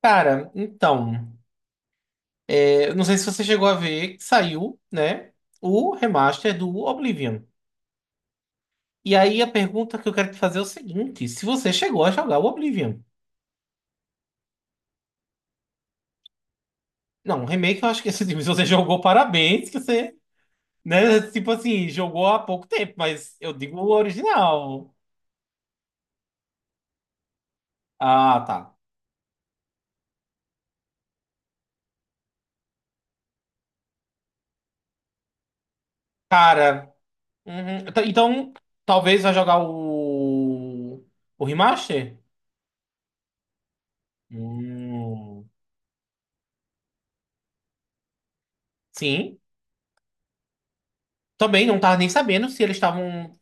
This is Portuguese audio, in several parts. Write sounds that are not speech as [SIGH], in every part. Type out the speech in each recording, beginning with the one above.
Cara, então, não sei se você chegou a ver que saiu, né, o remaster do Oblivion. E aí a pergunta que eu quero te fazer é o seguinte: se você chegou a jogar o Oblivion? Não, o remake eu acho que [LAUGHS] se você jogou, parabéns, que você, né, tipo assim, jogou há pouco tempo, mas eu digo o original. Ah, tá. Cara, uhum, então, talvez vai jogar o remaster? Hum, sim. Também não tava nem sabendo se eles estavam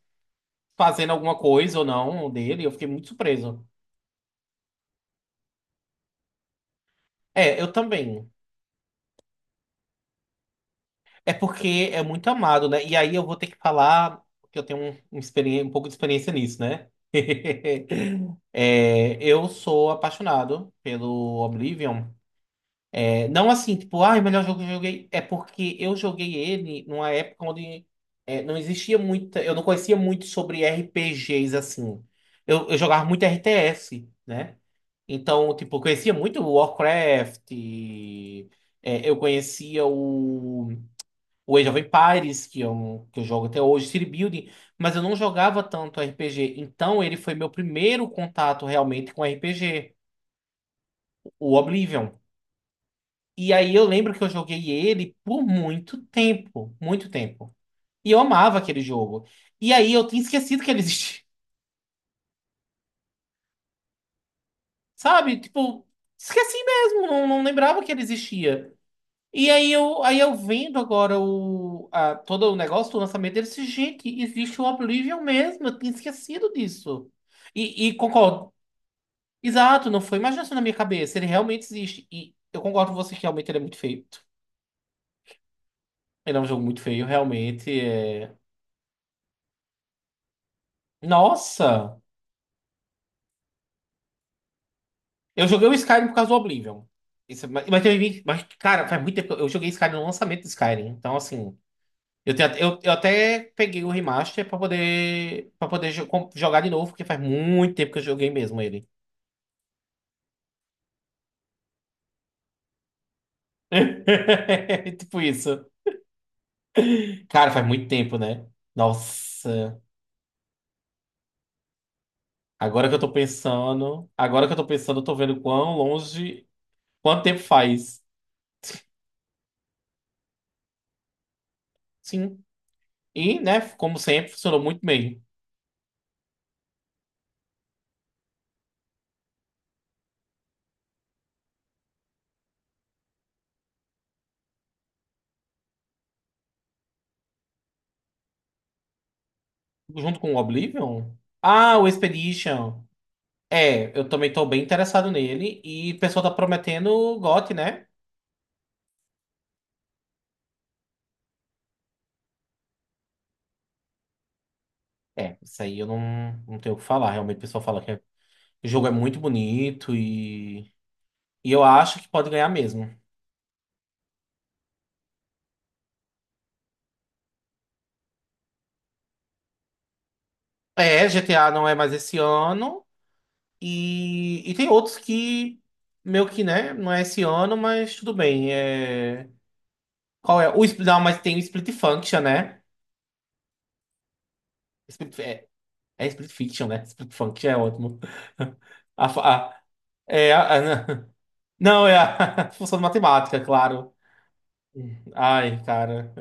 fazendo alguma coisa ou não dele. Eu fiquei muito surpreso. É, eu também. É porque é muito amado, né? E aí eu vou ter que falar que eu tenho um pouco de experiência nisso, né? [LAUGHS] É, eu sou apaixonado pelo Oblivion. É, não assim, tipo, ai, o melhor jogo que eu joguei. É porque eu joguei ele numa época onde não existia muita. Eu não conhecia muito sobre RPGs assim. Eu jogava muito RTS, né? Então, tipo, eu conhecia muito o Warcraft, e, eu conhecia o Age of Empires, que é um que eu jogo até hoje, City Building, mas eu não jogava tanto RPG. Então, ele foi meu primeiro contato realmente com RPG, o Oblivion. E aí eu lembro que eu joguei ele por muito tempo, muito tempo. E eu amava aquele jogo. E aí eu tinha esquecido que ele existia, [LAUGHS] sabe? Tipo, esqueci mesmo, não lembrava que ele existia. E aí eu vendo agora o, todo o negócio do lançamento deles, gente, existe o Oblivion mesmo, eu tinha esquecido disso. E concordo. Exato, não foi imaginação na minha cabeça, ele realmente existe. E eu concordo com vocês que realmente ele é muito feio. Ele é um jogo muito feio, realmente. Nossa! Eu joguei o Skyrim por causa do Oblivion. Isso, mas, cara, faz muito tempo que eu joguei Skyrim no lançamento do Skyrim. Então, assim. Eu até peguei o remaster pra poder, pra poder jogar de novo, porque faz muito tempo que eu joguei mesmo ele. [LAUGHS] Tipo isso. Cara, faz muito tempo, né? Nossa. Agora que eu tô pensando, eu tô vendo quão longe. Quanto tempo faz? Sim. E, né, como sempre, funcionou muito bem. Junto com o Oblivion? Ah, o Expedition. É, eu também tô bem interessado nele. E o pessoal tá prometendo o GOT, né? É, isso aí eu não tenho o que falar. Realmente o pessoal fala o jogo é muito bonito e eu acho que pode ganhar mesmo. É, GTA não é mais esse ano e tem outros que meio que, né, não é esse ano, mas tudo bem. É, qual é? Não, mas tem o Split Function, né? Split- é, Split Fiction, né? [LAUGHS] Split Function é ótimo. [LAUGHS] A, fa- a- é, a- não, é a [LAUGHS] função de matemática, claro. Ai, cara.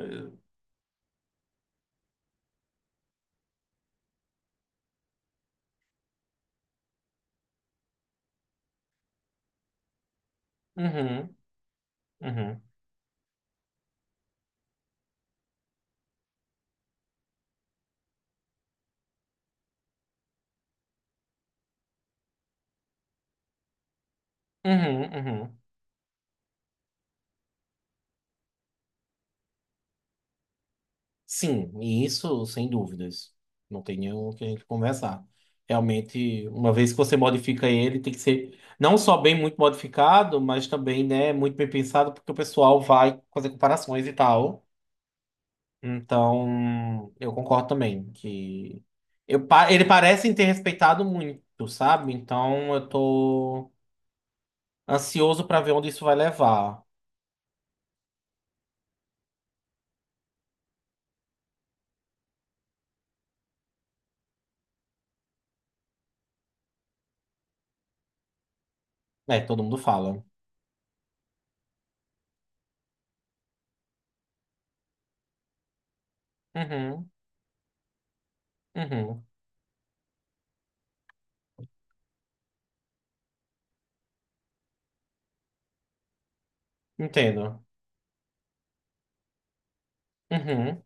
Uhum. Uhum, uhum, uhum. Sim, e isso sem dúvidas. Não tem nenhum que a gente conversar. Realmente, uma vez que você modifica ele, tem que ser não só bem muito modificado, mas também, né, muito bem pensado, porque o pessoal vai fazer comparações e tal. Então, eu concordo também que ele parece ter respeitado muito, sabe? Então, eu tô ansioso pra ver onde isso vai levar. É, todo mundo fala. Uhum, uhum. Entendo. Uhum.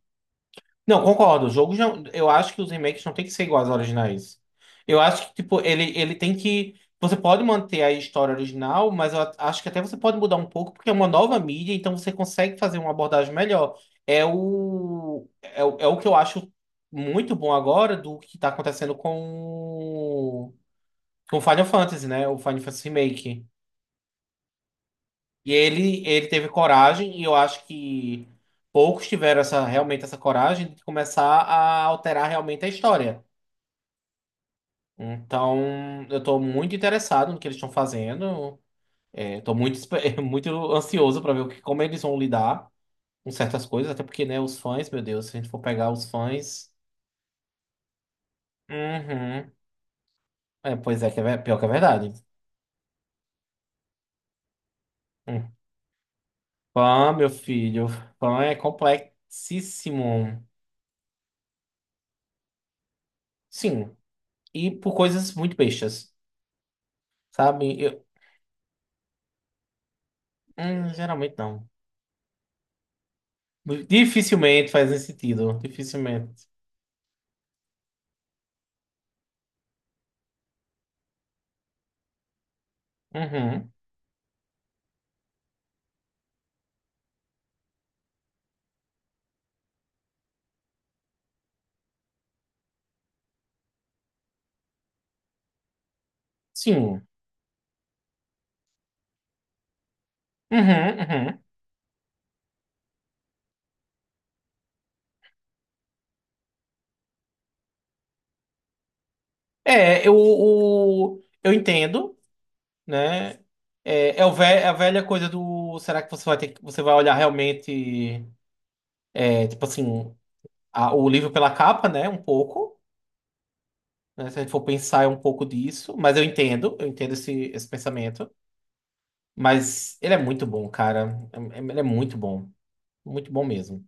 Não, concordo. O jogo já. Eu acho que os remakes não tem que ser iguais aos originais. Eu acho que, tipo, ele tem que. Você pode manter a história original, mas eu acho que até você pode mudar um pouco, porque é uma nova mídia, então você consegue fazer uma abordagem melhor. É o que eu acho muito bom agora do que tá acontecendo o- Com o Final Fantasy, né? O Final Fantasy Remake. E ele teve coragem, e eu acho que poucos tiveram essa, realmente essa coragem de começar a alterar realmente a história. Então, eu tô muito interessado no que eles estão fazendo. É, tô muito [LAUGHS] muito ansioso para ver como eles vão lidar com certas coisas, até porque, né, os fãs, meu Deus, se a gente for pegar os fãs. Uhum. É, pois é, que é, pior que é verdade. Hum. Fã, meu filho, fã é complexíssimo. Sim, e por coisas muito bestas. Sabe? Geralmente não. Dificilmente faz esse sentido. Dificilmente. Uhum. Sim. Uhum, uhum. É, eu entendo, né? É, é a velha coisa do. Será que você vai ter que. Você vai olhar realmente, tipo assim, o livro pela capa, né? Um pouco. Né? Se a gente for pensar, é um pouco disso. Mas eu entendo esse pensamento. Mas ele é muito bom, cara. Ele é muito bom. Muito bom mesmo.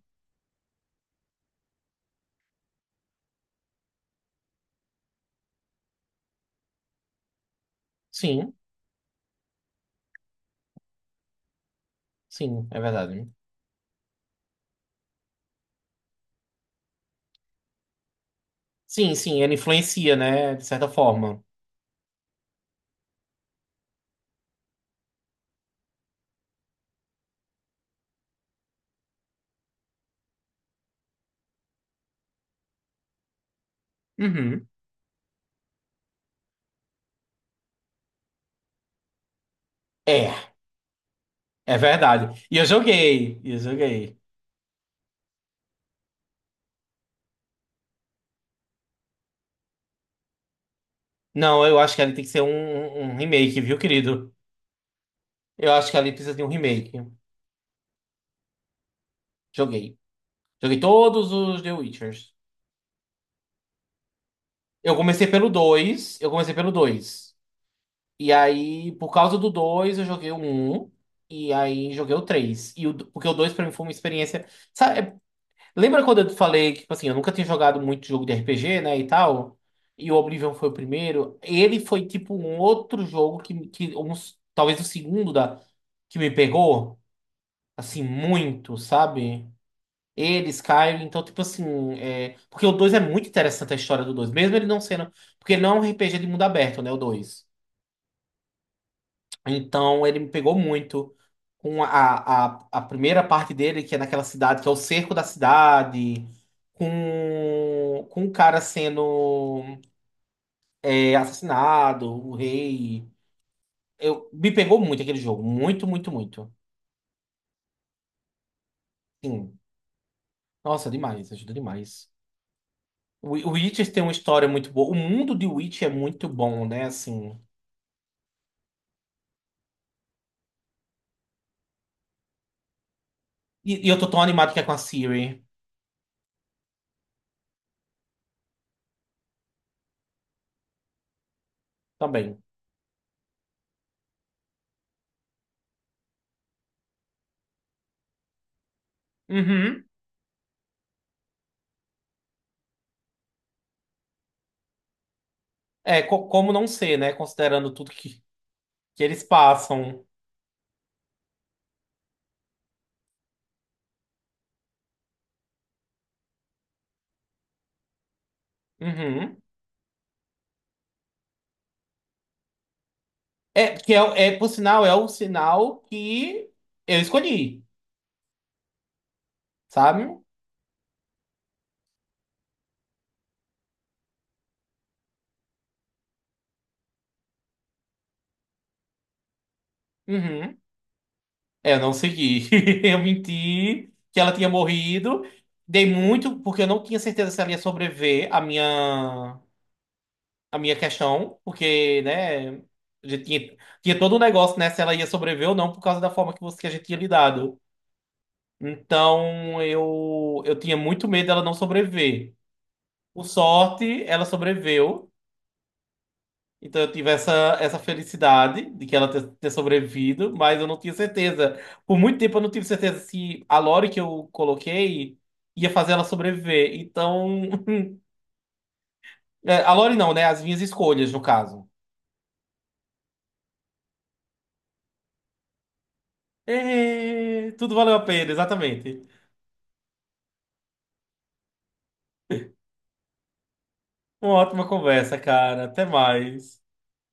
Sim, sim, é verdade. Sim, sim, ele influencia, né? De certa forma. Uhum. É, é verdade. E eu joguei, e eu joguei. Não, eu acho que ali tem que ser um remake, viu, querido? Eu acho que ali precisa de um remake. Joguei. Joguei todos os The Witchers. Eu comecei pelo dois. E aí, por causa do 2 eu joguei o 1. E aí, joguei o 3 porque o 2 pra mim foi uma experiência. Sabe? Lembra quando eu te falei que, tipo assim, eu nunca tinha jogado muito jogo de RPG, né, e tal? E o Oblivion foi o primeiro. Ele foi, tipo, um outro jogo que um, talvez o segundo da, que me pegou, assim, muito, sabe? Ele, Skyrim, então, tipo assim, porque o 2 é muito interessante a história do 2 mesmo ele não sendo, porque ele não é um RPG de mundo aberto, né, o 2 então ele me pegou muito com a primeira parte dele, que é naquela cidade, que é o cerco da cidade, com o cara sendo assassinado, o rei. Me pegou muito aquele jogo, muito, muito, muito. Sim. Nossa, demais, ajuda demais. O Witcher tem uma história muito boa. O mundo de Witch é muito bom, né? Assim. E eu tô tão animado que é com a Siri também. Uhum. É, como não ser, né? Considerando tudo que eles passam. Uhum. É, que é, é, por sinal, é o sinal que eu escolhi, sabe? Uhum. É, eu não segui. [LAUGHS] Eu menti que ela tinha morrido. Dei muito, porque eu não tinha certeza se ela ia sobreviver a minha, questão, porque, né, a gente tinha todo um negócio, né, se ela ia sobreviver ou não, por causa da forma que a gente tinha lidado. Então, eu tinha muito medo dela não sobreviver. Por sorte, ela sobreviveu. Então eu tive essa felicidade de que ela ter sobrevivido, mas eu não tinha certeza. Por muito tempo eu não tive certeza se a Lore que eu coloquei ia fazer ela sobreviver. Então. [LAUGHS] A Lore não, né? As minhas escolhas, no caso. É, tudo valeu a pena, exatamente. Uma ótima conversa, cara. Até mais.